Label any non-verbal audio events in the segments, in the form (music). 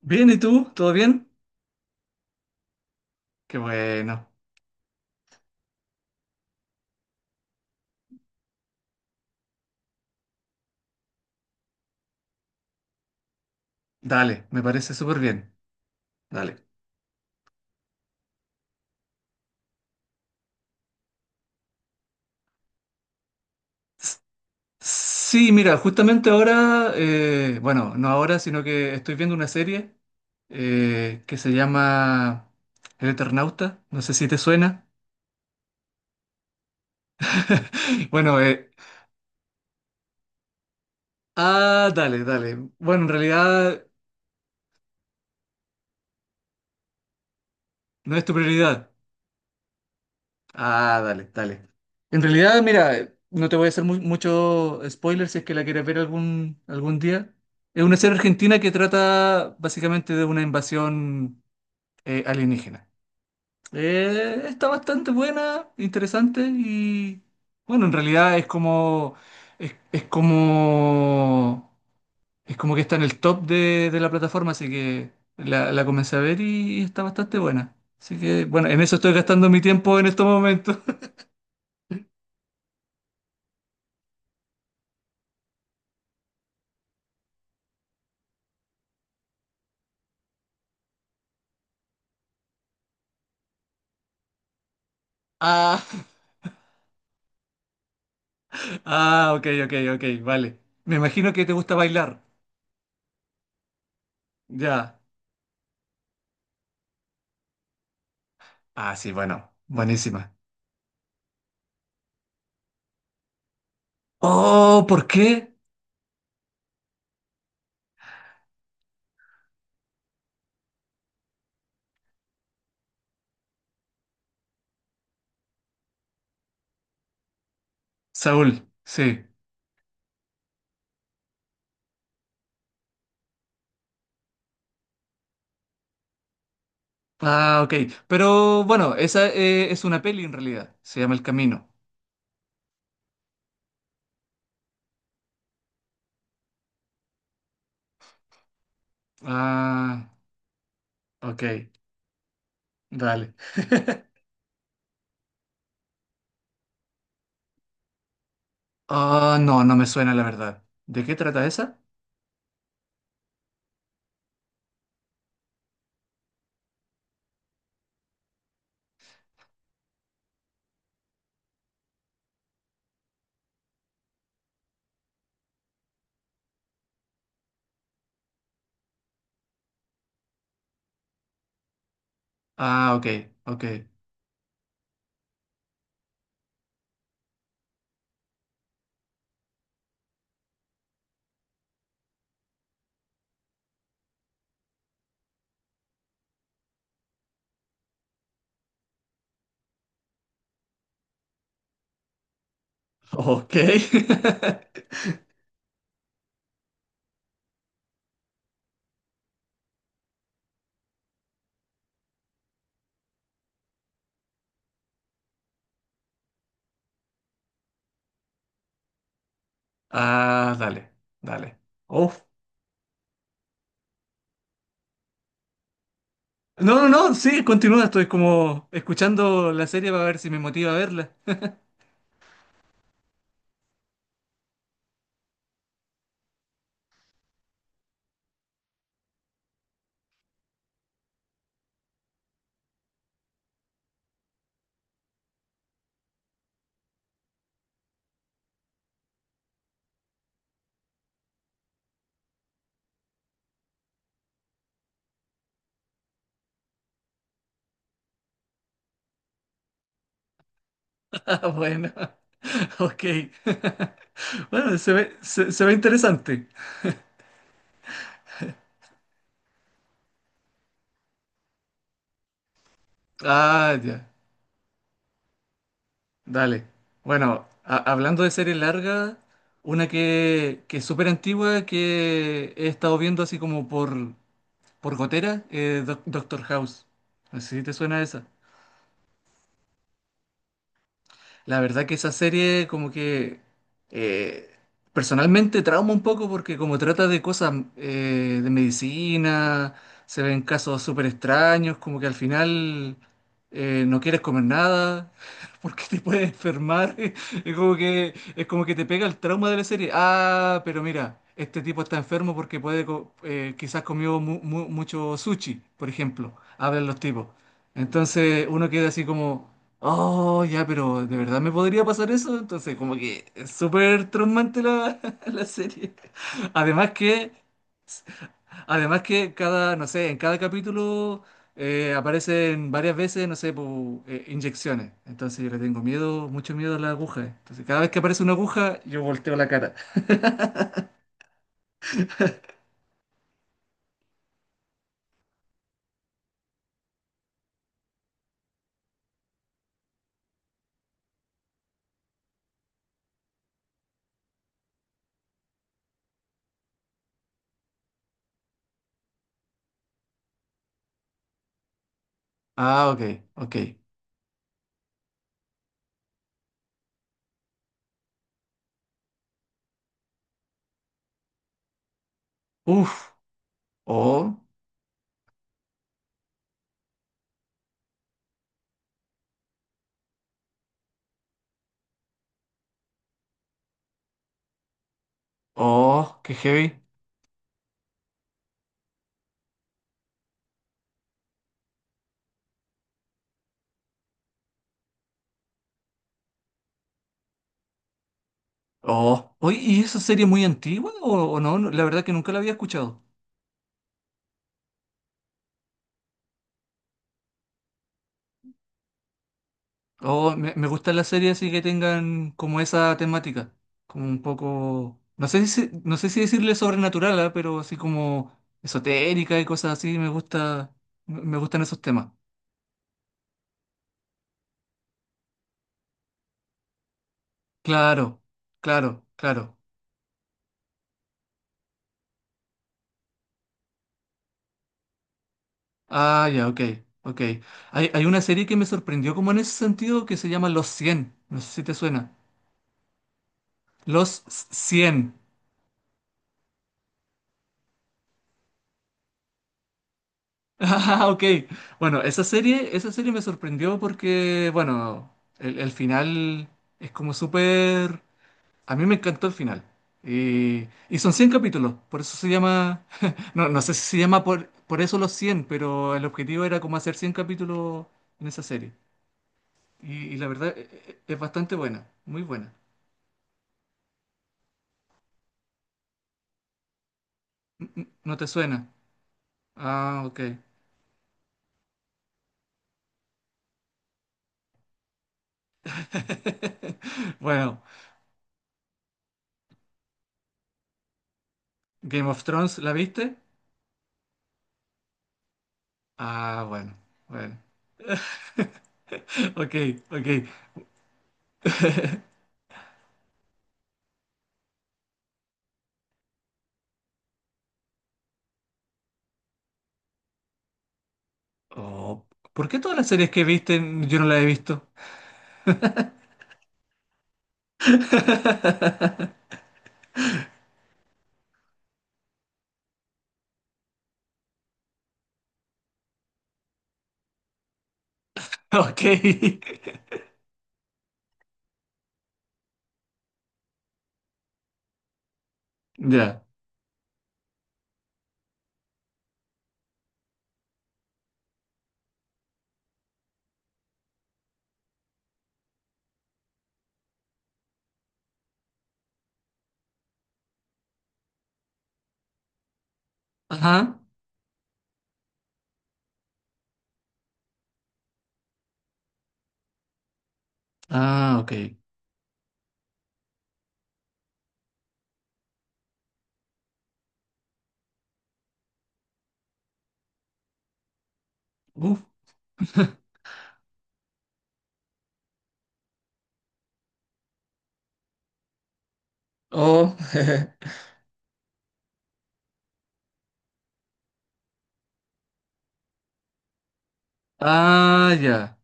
Bien, ¿y tú? ¿Todo bien? Qué bueno. Dale, me parece súper bien. Dale. S- Sí, mira, justamente ahora, bueno, no ahora, sino que estoy viendo una serie que se llama El Eternauta. No sé si te suena. (laughs) Bueno, dale, dale. Bueno, en realidad no es tu prioridad. Ah, dale, dale. En realidad, mira, no te voy a hacer mucho spoiler si es que la quieres ver algún día. Es una serie argentina que trata básicamente de una invasión alienígena. Está bastante buena, interesante y bueno, en realidad es, es como es como que está en el top de la plataforma, así que la comencé a ver y está bastante buena. Así que bueno, en eso estoy gastando mi tiempo en estos momentos. (laughs) Ah. Ah, ok, ok, ok, vale. Me imagino que te gusta bailar. Ya. Ah, sí, bueno, buenísima. Oh, ¿por qué? Saúl, sí. Ah, ok. Pero bueno, esa es una peli en realidad. Se llama El Camino. Ah, ok, dale. (laughs) Ah, no, no me suena la verdad. ¿De qué trata esa? Ah, ok, ok. Ok. (laughs) Ah, dale, dale. Uf. No, no, no, sí, continúa, estoy como escuchando la serie para ver si me motiva a verla. (laughs) Ah, bueno, ok. (laughs) Bueno, se ve interesante. Ah, ya, dale. Bueno, hablando de serie larga, una que es súper antigua que he estado viendo así como por gotera, Doctor House. No sé si te suena esa. La verdad que esa serie como que eh, personalmente trauma un poco porque como trata de cosas de medicina, se ven casos súper extraños, como que al final no quieres comer nada (laughs) porque te puedes enfermar. (laughs) Es como que te pega el trauma de la serie. Ah, pero mira, este tipo está enfermo porque quizás comió mucho sushi, por ejemplo. Hablan los tipos. Entonces uno queda así como... Oh, ya, pero ¿de verdad me podría pasar eso? Entonces, como que es súper traumante la, (laughs) la serie. Además que, además que cada, no sé, en cada capítulo aparecen varias veces, no sé, inyecciones. Entonces yo le tengo miedo, mucho miedo a las agujas. Entonces, cada vez que aparece una aguja, yo volteo la cara. Ah, ok, ok. Uf, oh, oh, qué heavy. Oh, oye, ¿y esa serie es muy antigua o no? No, la verdad que nunca la había escuchado. Oh, me gustan las series así que tengan como esa temática, como un poco, no sé si decirle sobrenatural, ah, pero así como esotérica y cosas así, me gustan esos temas. Claro, claro, claro. Ah, ya, ok, ok. Hay una serie que me sorprendió como en ese sentido que se llama Los 100. No sé si te suena. Los 100. Ah, ok. Bueno, esa serie me sorprendió porque, bueno, el final es como súper... A mí me encantó el final. Y son 100 capítulos, por eso se llama... (laughs) No, no sé si se llama por, eso los 100, pero el objetivo era como hacer 100 capítulos en esa serie. Y la verdad es bastante buena, muy buena. ¿No te suena? Ah, ok. (laughs) Bueno, Game of Thrones, ¿la viste? Ah, bueno, bueno. Ok, ok. Oh, ¿por qué todas las series que viste yo no las he visto? (laughs) Ok. Ya. Ajá. Ah, ok. Uf. Oh. (laughs) Ah, ya.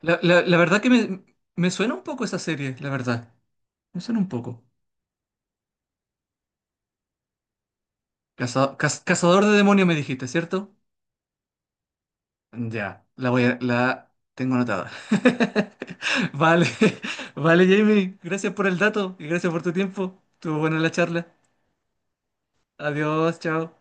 La verdad que me suena un poco esa serie, la verdad. Me suena un poco. Cazador de demonios me dijiste, ¿cierto? Ya, la tengo anotada. (laughs) Vale, (laughs) vale, Jamie. Gracias por el dato y gracias por tu tiempo. Estuvo buena la charla. Adiós, chao.